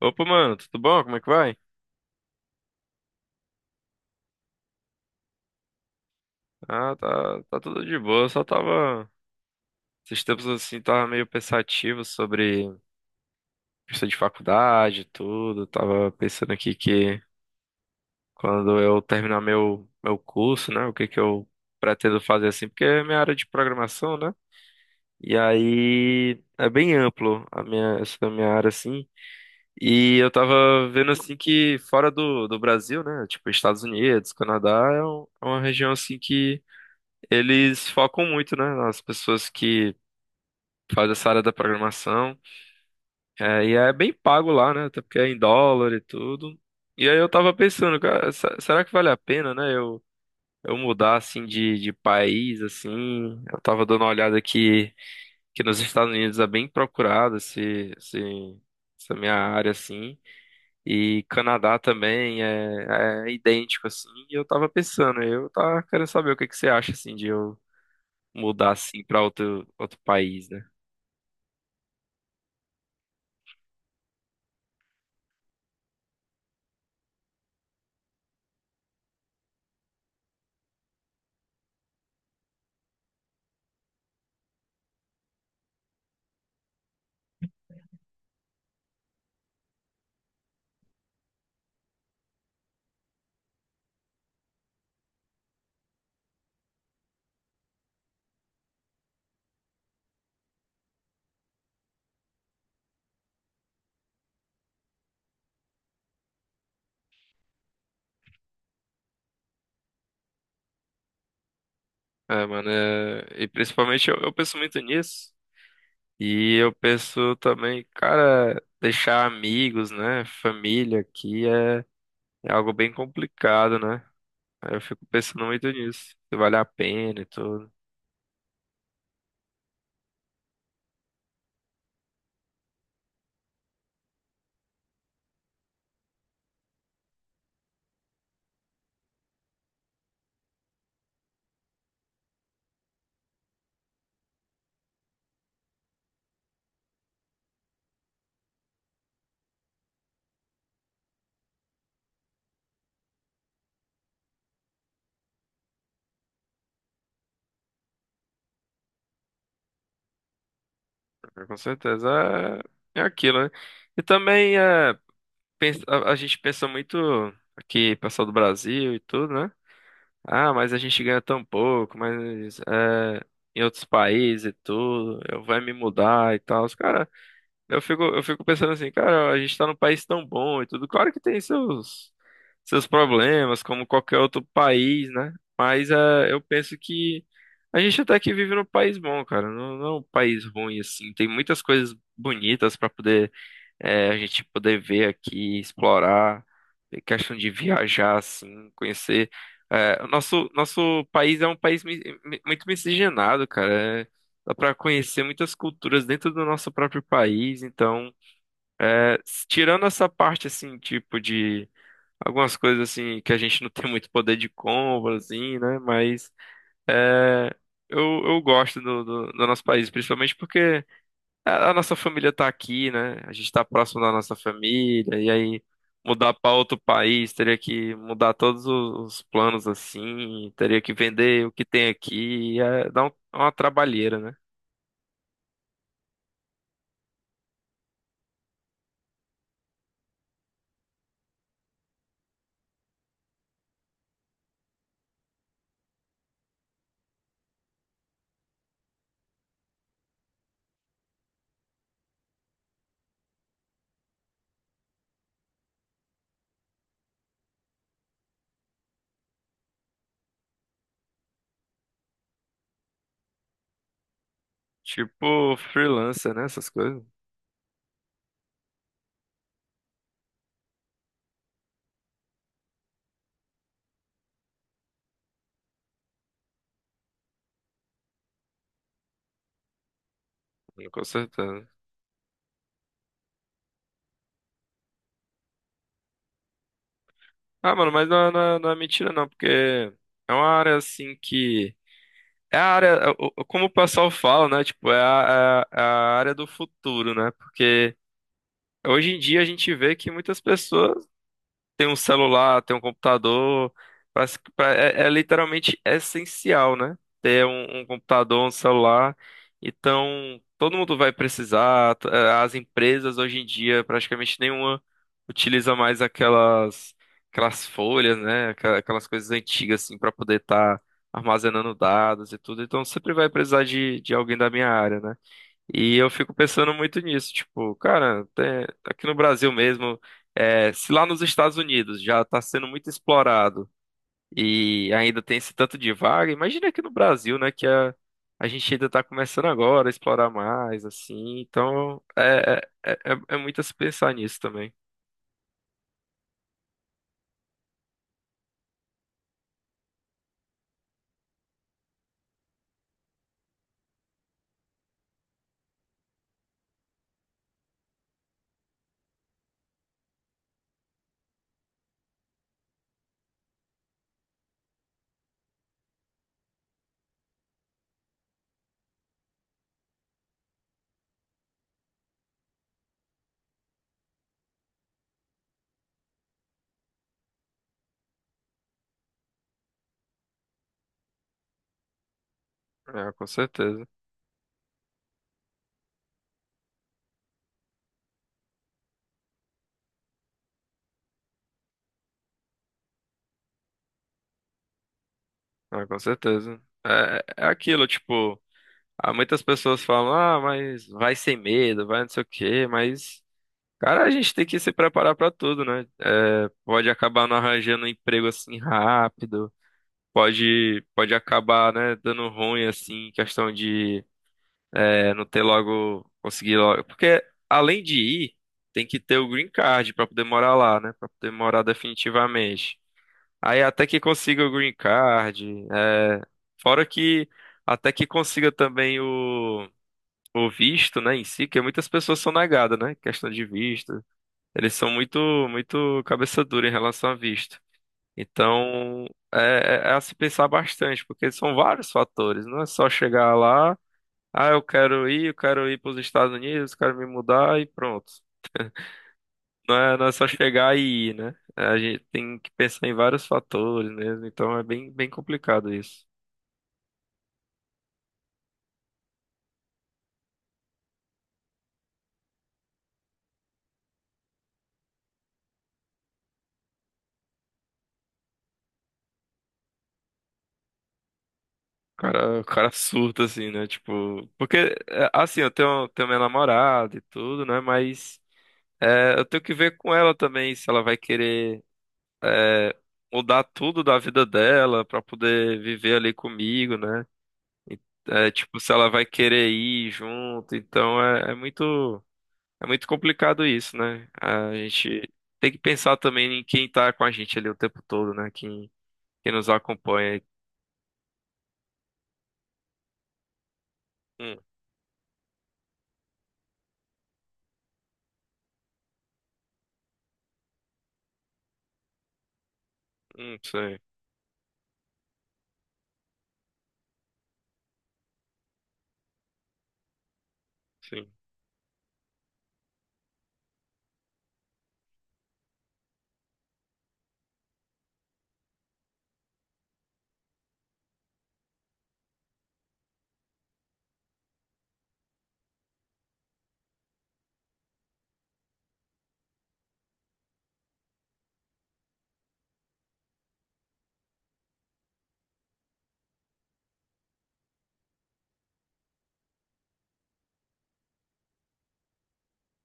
Opa, mano, tudo bom? Como é que vai? Ah, tá, tá tudo de boa. Eu só tava. Esses tempos assim, tava meio pensativo sobre questão de faculdade e tudo. Tava pensando aqui que quando eu terminar meu curso, né? O que que eu pretendo fazer assim, porque é minha área de programação, né? E aí é bem amplo a minha, essa minha área assim. E eu tava vendo assim que fora do Brasil, né? Tipo, Estados Unidos, Canadá, é uma região assim que eles focam muito, né, nas pessoas que fazem essa área da programação. É, e é bem pago lá, né? Até porque é em dólar e tudo. E aí eu tava pensando, cara, será que vale a pena, né? Eu mudar assim de país, assim. Eu tava dando uma olhada aqui que nos Estados Unidos é bem procurado essa minha área, assim. E Canadá também é, é idêntico, assim. E eu tava pensando, eu tava querendo saber o que que você acha, assim, de eu mudar assim pra outro, outro país, né? É, mano, é... e principalmente eu penso muito nisso. E eu penso também, cara, deixar amigos, né? Família aqui é, é algo bem complicado, né? Aí eu fico pensando muito nisso, se vale a pena e tudo. Mas, com certeza é, é aquilo, né? E também é, a gente pensa muito aqui, pessoal do Brasil e tudo, né? Ah, mas a gente ganha tão pouco, mas é, em outros países e tudo, eu vai me mudar e tal. Os cara, eu fico pensando assim, cara, a gente tá num país tão bom e tudo. Claro que tem seus, seus problemas, como qualquer outro país, né? Mas é, eu penso que a gente até que vive num país bom, cara. Não, não é um país ruim, assim. Tem muitas coisas bonitas pra poder é, a gente poder ver aqui, explorar, é questão de viajar, assim, conhecer. É, o nosso, nosso país é um país muito miscigenado, cara. É, dá para conhecer muitas culturas dentro do nosso próprio país. Então, é, tirando essa parte, assim, tipo de algumas coisas, assim, que a gente não tem muito poder de compra, assim, né? Mas é, eu gosto do do nosso país, principalmente porque. A nossa família tá aqui, né? A gente tá próximo da nossa família, e aí mudar pra outro país, teria que mudar todos os planos assim, teria que vender o que tem aqui, é, é uma trabalheira, né? Tipo freelancer, né? Essas coisas. Com certeza. Ah, mano, mas não, não, é não é mentira não, porque é uma área assim que. É a área, como o pessoal fala, né? Tipo, é a área do futuro, né? Porque hoje em dia a gente vê que muitas pessoas tem um celular, tem um computador. Parece que é, é literalmente essencial, né? Ter um computador, um celular. Então, todo mundo vai precisar. As empresas hoje em dia, praticamente nenhuma utiliza mais aquelas, aquelas folhas, né? Aquelas coisas antigas, assim, para poder estar armazenando dados e tudo. Então, sempre vai precisar de alguém da minha área, né? E eu fico pensando muito nisso, tipo, cara, aqui no Brasil mesmo, é, se lá nos Estados Unidos já está sendo muito explorado e ainda tem esse tanto de vaga, imagina aqui no Brasil, né, que a gente ainda está começando agora a explorar mais, assim, então é, é muito a se pensar nisso também. É, com certeza, é, com certeza. É, é é aquilo, tipo, há muitas pessoas falam, ah, mas vai sem medo, vai não sei o quê, mas. Cara, a gente tem que se preparar pra tudo, né? É, pode acabar não arranjando um emprego assim rápido, pode acabar, né, dando ruim assim, questão de é, não ter logo, conseguir logo. Porque além de ir, tem que ter o green card pra poder morar lá, né? Pra poder morar definitivamente. Aí até que consiga o green card, é, fora que até que consiga também o visto, né, em si, que muitas pessoas são negadas, né? Questão de visto. Eles são muito, muito cabeça dura em relação a visto. Então, é, é a se pensar bastante, porque são vários fatores. Não é só chegar lá, ah, eu quero ir para os Estados Unidos, quero me mudar e pronto. Não é, não é só chegar e ir, né? É, a gente tem que pensar em vários fatores mesmo, então é bem, bem complicado isso. O cara surta, assim, né? Tipo, porque, é, assim, tenho minha namorada e tudo, né? Mas é, eu tenho que ver com ela também se ela vai querer. É, mudar tudo da vida dela pra poder viver ali comigo, né? E, é, tipo, se ela vai querer ir junto, então é, é muito complicado isso, né? A gente tem que pensar também em quem tá com a gente ali o tempo todo, né? Quem, quem nos acompanha. Hum, sei, sim.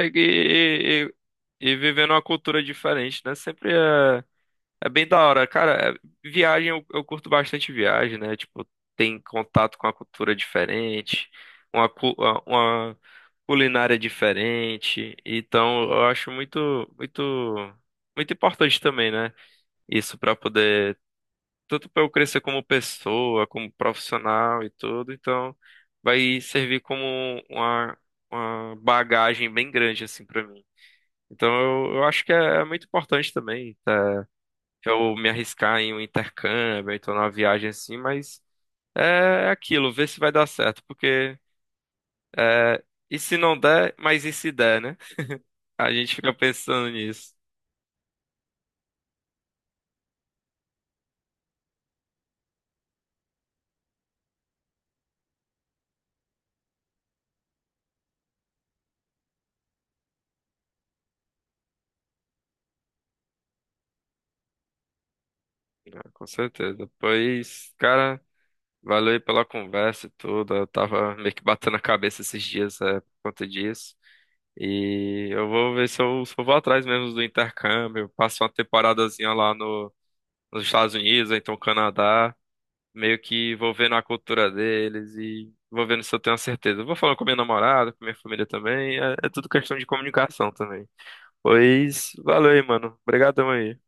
E, e, e vivendo uma cultura diferente, né? Sempre é. É bem da hora, cara. Viagem, eu curto bastante viagem, né? Tipo, tem contato com a cultura diferente, uma, uma culinária diferente. Então, eu acho muito, muito, muito importante também, né? Isso para poder, tanto para eu crescer como pessoa, como profissional e tudo. Então, vai servir como uma, uma bagagem bem grande, assim, para mim. Então, eu acho que é, é muito importante também, tá? Eu me arriscar em um intercâmbio, então numa viagem assim, mas é é aquilo, ver se vai dar certo, porque é, e se não der, mas e se der, né? A gente fica pensando nisso. Ah, com certeza. Pois, cara, valeu aí pela conversa e tudo. Eu tava meio que batendo a cabeça esses dias, é, por conta disso. E eu vou ver se eu vou atrás mesmo do intercâmbio, passo uma temporadazinha lá no, nos Estados Unidos, ou então Canadá. Meio que vou vendo a cultura deles e vou vendo se eu tenho a certeza. Eu vou falando com minha namorada, com minha família também, é, é tudo questão de comunicação também. Pois, valeu aí, mano. Obrigadão aí.